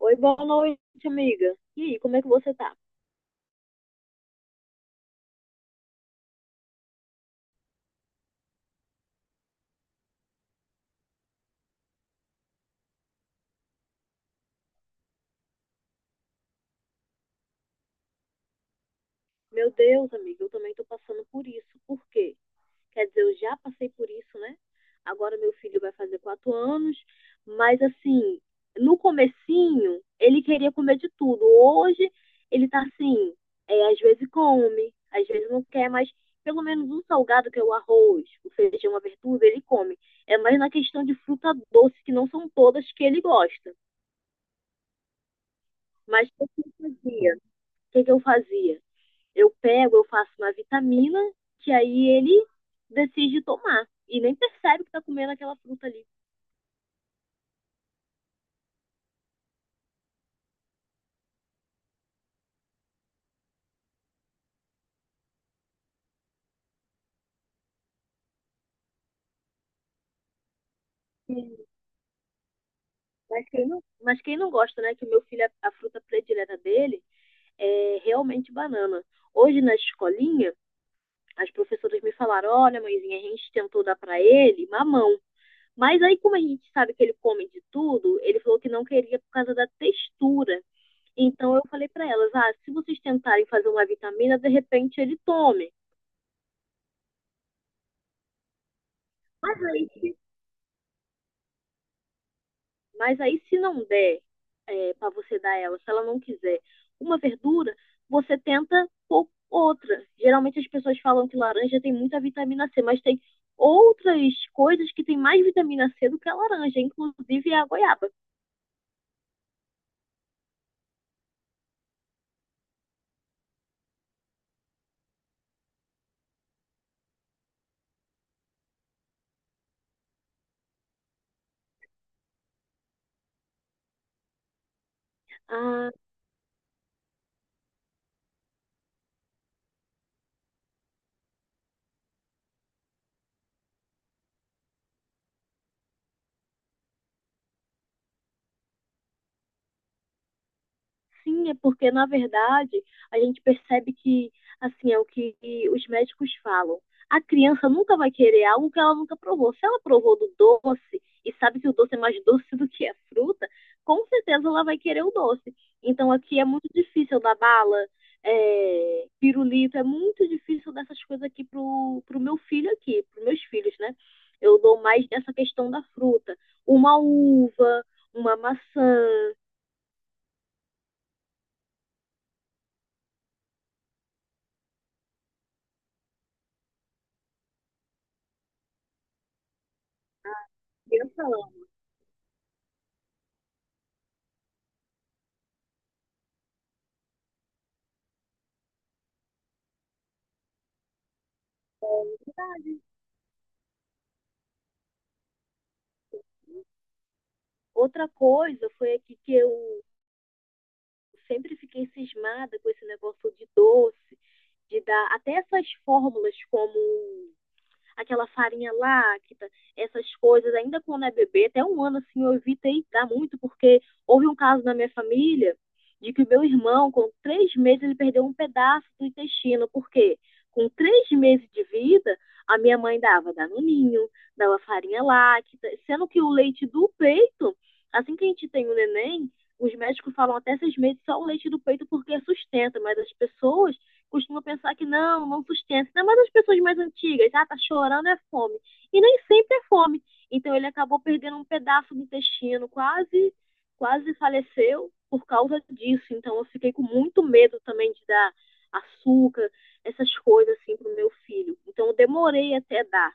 Oi, boa noite, amiga. E aí, como é que você tá? Meu Deus, amiga, eu também tô passando por isso. Por quê? Quer dizer, eu já passei por isso, né? Agora meu filho vai fazer 4 anos, mas assim, no comecinho, ele queria comer de tudo. Hoje, ele tá assim, é, às vezes come, às vezes não quer, mas pelo menos um salgado, que é o arroz, o feijão, a verdura, ele come. É mais na questão de fruta doce, que não são todas que ele gosta. Mas o que eu fazia? O que que eu fazia? Eu pego, eu faço uma vitamina, que aí ele decide tomar. E nem percebe que tá comendo aquela fruta ali. Sim. Mas quem não gosta, né? Que o meu filho, a fruta predileta dele é realmente banana. Hoje na escolinha, as professoras me falaram: olha, mãezinha, a gente tentou dar para ele mamão. Mas aí, como a gente sabe que ele come de tudo, ele falou que não queria por causa da textura. Então eu falei para elas: ah, se vocês tentarem fazer uma vitamina, de repente ele tome. Mas aí, se Mas aí, se não der para você dar ela, se ela não quiser uma verdura, você tenta pôr outra. Geralmente as pessoas falam que laranja tem muita vitamina C, mas tem outras coisas que tem mais vitamina C do que a laranja, inclusive a goiaba. Ah, sim, é porque, na verdade, a gente percebe que, assim, é o que os médicos falam. A criança nunca vai querer algo que ela nunca provou. Se ela provou do doce e sabe que o doce é mais doce do que a fruta, com certeza ela vai querer o doce. Então aqui é muito difícil da bala, pirulito, é muito difícil dessas coisas aqui pro meu filho aqui, pros meus filhos, né? Eu dou mais nessa questão da fruta. Uma uva, uma maçã. Criança ama. Ah, outra coisa foi aqui que eu sempre fiquei cismada com esse negócio de doce, de dar até essas fórmulas como aquela farinha láctea, essas coisas, ainda quando é bebê, até um ano assim eu evitei dar muito, porque houve um caso na minha família de que o meu irmão, com 3 meses, ele perdeu um pedaço do intestino. Por quê? Com 3 meses de vida, a minha mãe dava danoninho, dava farinha láctea, sendo que o leite do peito, assim que a gente tem o neném, os médicos falam até 6 meses só o leite do peito porque sustenta, mas as pessoas costuma pensar que não, não sustenta. Ainda mais as pessoas mais antigas, ah, tá chorando, é fome. E nem sempre é fome. Então ele acabou perdendo um pedaço do intestino, quase, quase faleceu por causa disso. Então eu fiquei com muito medo também de dar açúcar, essas coisas assim pro meu filho. Então eu demorei até dar.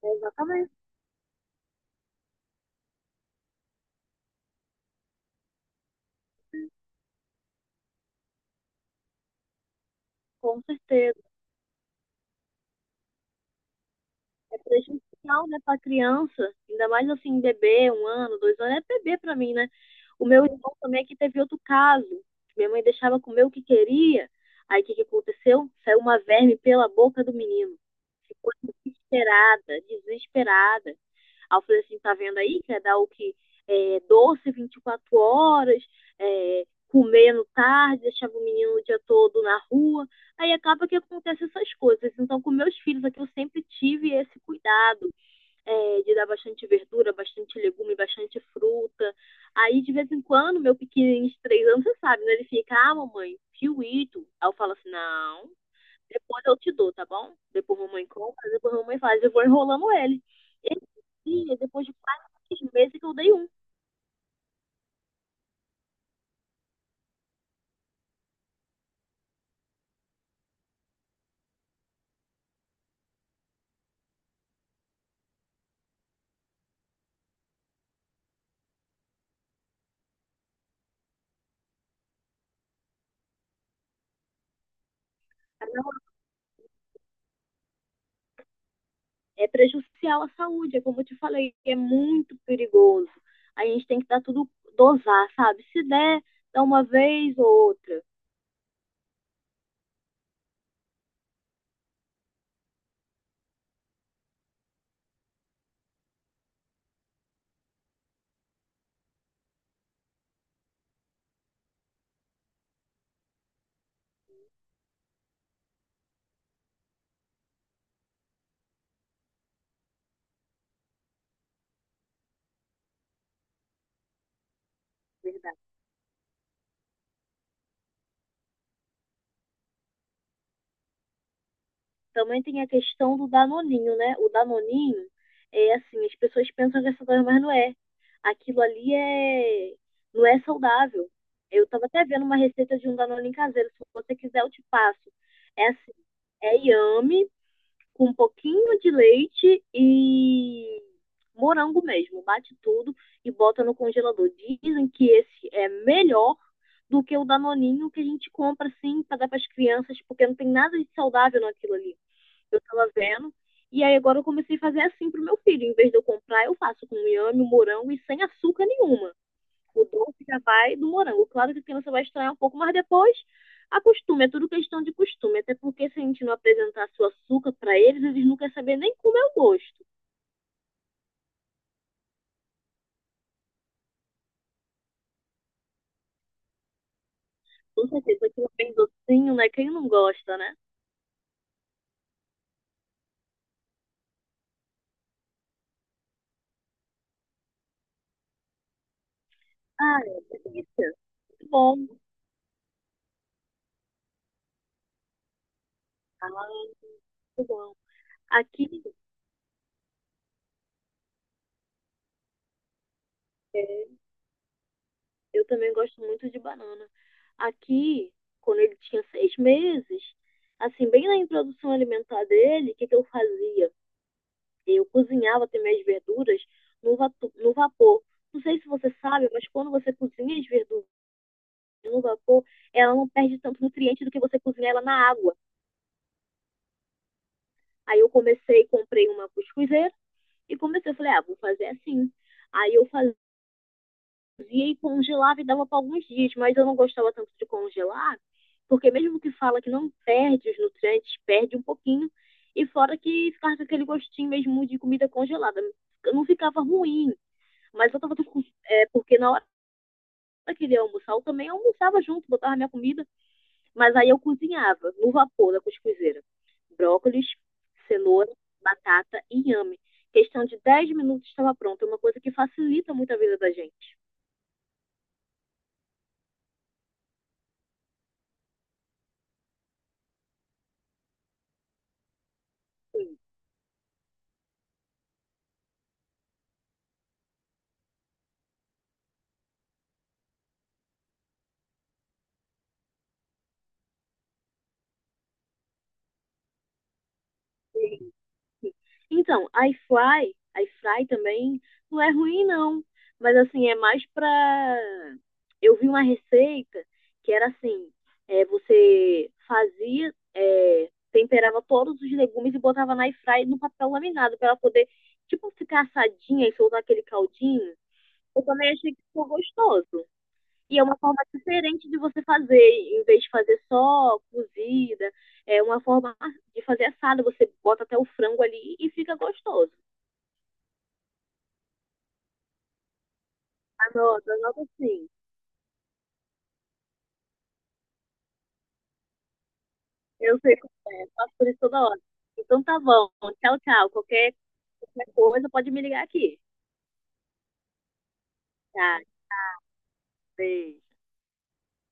Exatamente, com certeza. É prejudicial, né, pra criança. Ainda mais assim, um bebê, um ano, 2 anos, é bebê pra mim, né? O meu irmão também aqui teve outro caso. Minha mãe deixava comer o que queria. Aí o que aconteceu? Saiu uma verme pela boca do menino. Ficou desesperada, desesperada. Aí eu falei assim, tá vendo aí que é dar o que? Doce 24 horas, comendo tarde, deixava o menino o dia todo na rua. Aí acaba que acontece essas coisas. Então, com meus filhos aqui, eu sempre tive esse cuidado de dar bastante verdura, bastante legume, bastante fruta. Aí, de vez em quando, meu pequenininho de 3 anos, você sabe, né? Ele fica, ah, mamãe, fio. Aí eu falo assim, não, depois eu te dou, tá bom? Depois a mamãe compra, depois a mamãe faz. Eu vou enrolando ele. Esse dia, depois de quase 6 meses que eu dei um. Tá? Não, é prejudicial à saúde, é como eu te falei, é muito perigoso. A gente tem que dar tudo, dosar, sabe? Se der, dá uma vez ou outra. Verdade. Também tem a questão do danoninho, né? O danoninho é assim, as pessoas pensam que é saudável, mas não é. Aquilo ali é não é saudável. Eu estava até vendo uma receita de um danoninho caseiro, se você quiser eu te passo. É assim, é yame com um pouquinho de leite e morango mesmo, bate tudo e bota no congelador. Dizem que esse é melhor do que o danoninho que a gente compra assim para dar para as crianças, porque não tem nada de saudável naquilo ali eu tava vendo. E aí agora eu comecei a fazer assim pro meu filho. Em vez de eu comprar, eu faço com inhame, morango e sem açúcar nenhuma. O doce já vai do morango. Claro que a criança vai estranhar um pouco, mas depois acostume. É tudo questão de costume. Até porque se a gente não apresentar seu açúcar para eles, eles não querem saber nem como é o gosto. Com certeza, aquilo é bem docinho, né? Quem não gosta, né? Ah, é delícia. Muito bom. Ah, muito bom. Aqui, é, eu também gosto muito de banana. Aqui, quando ele tinha 6 meses, assim, bem na introdução alimentar dele, o que, que eu fazia? Eu cozinhava também as verduras no vapor. Não sei se você sabe, mas quando você cozinha as verduras no vapor, ela não perde tanto nutriente do que você cozinha ela na água. Aí eu comecei, comprei uma cuscuzeira e comecei, eu falei, ah, vou fazer assim. Aí eu fazia e congelava e dava para alguns dias, mas eu não gostava tanto de congelar, porque mesmo que fala que não perde os nutrientes, perde um pouquinho, e fora que ficava com aquele gostinho mesmo de comida congelada. Não ficava ruim, mas eu tava com... é, porque na hora que ele ia almoçar, eu também almoçava junto, botava minha comida, mas aí eu cozinhava no vapor da cuscuzeira. Brócolis, cenoura, batata e inhame. Questão de 10 minutos estava pronto. É uma coisa que facilita muito a vida da gente. Sim, sim. Então, iFly também não é ruim, não. Mas assim, é mais pra. Eu vi uma receita que era assim, você fazia, temperava todos os legumes e botava na airfry no papel laminado pra ela poder, tipo, ficar assadinha e soltar aquele caldinho. Eu também achei que ficou gostoso. E é uma forma diferente de você fazer, em vez de fazer só cozida, é uma forma de fazer assada, você bota até o frango ali e fica gostoso. Anota, anota sim. Eu sei como é, faço por isso toda hora. Então tá bom, tchau, tchau. Qualquer, qualquer coisa pode me ligar aqui. Tá, beijo.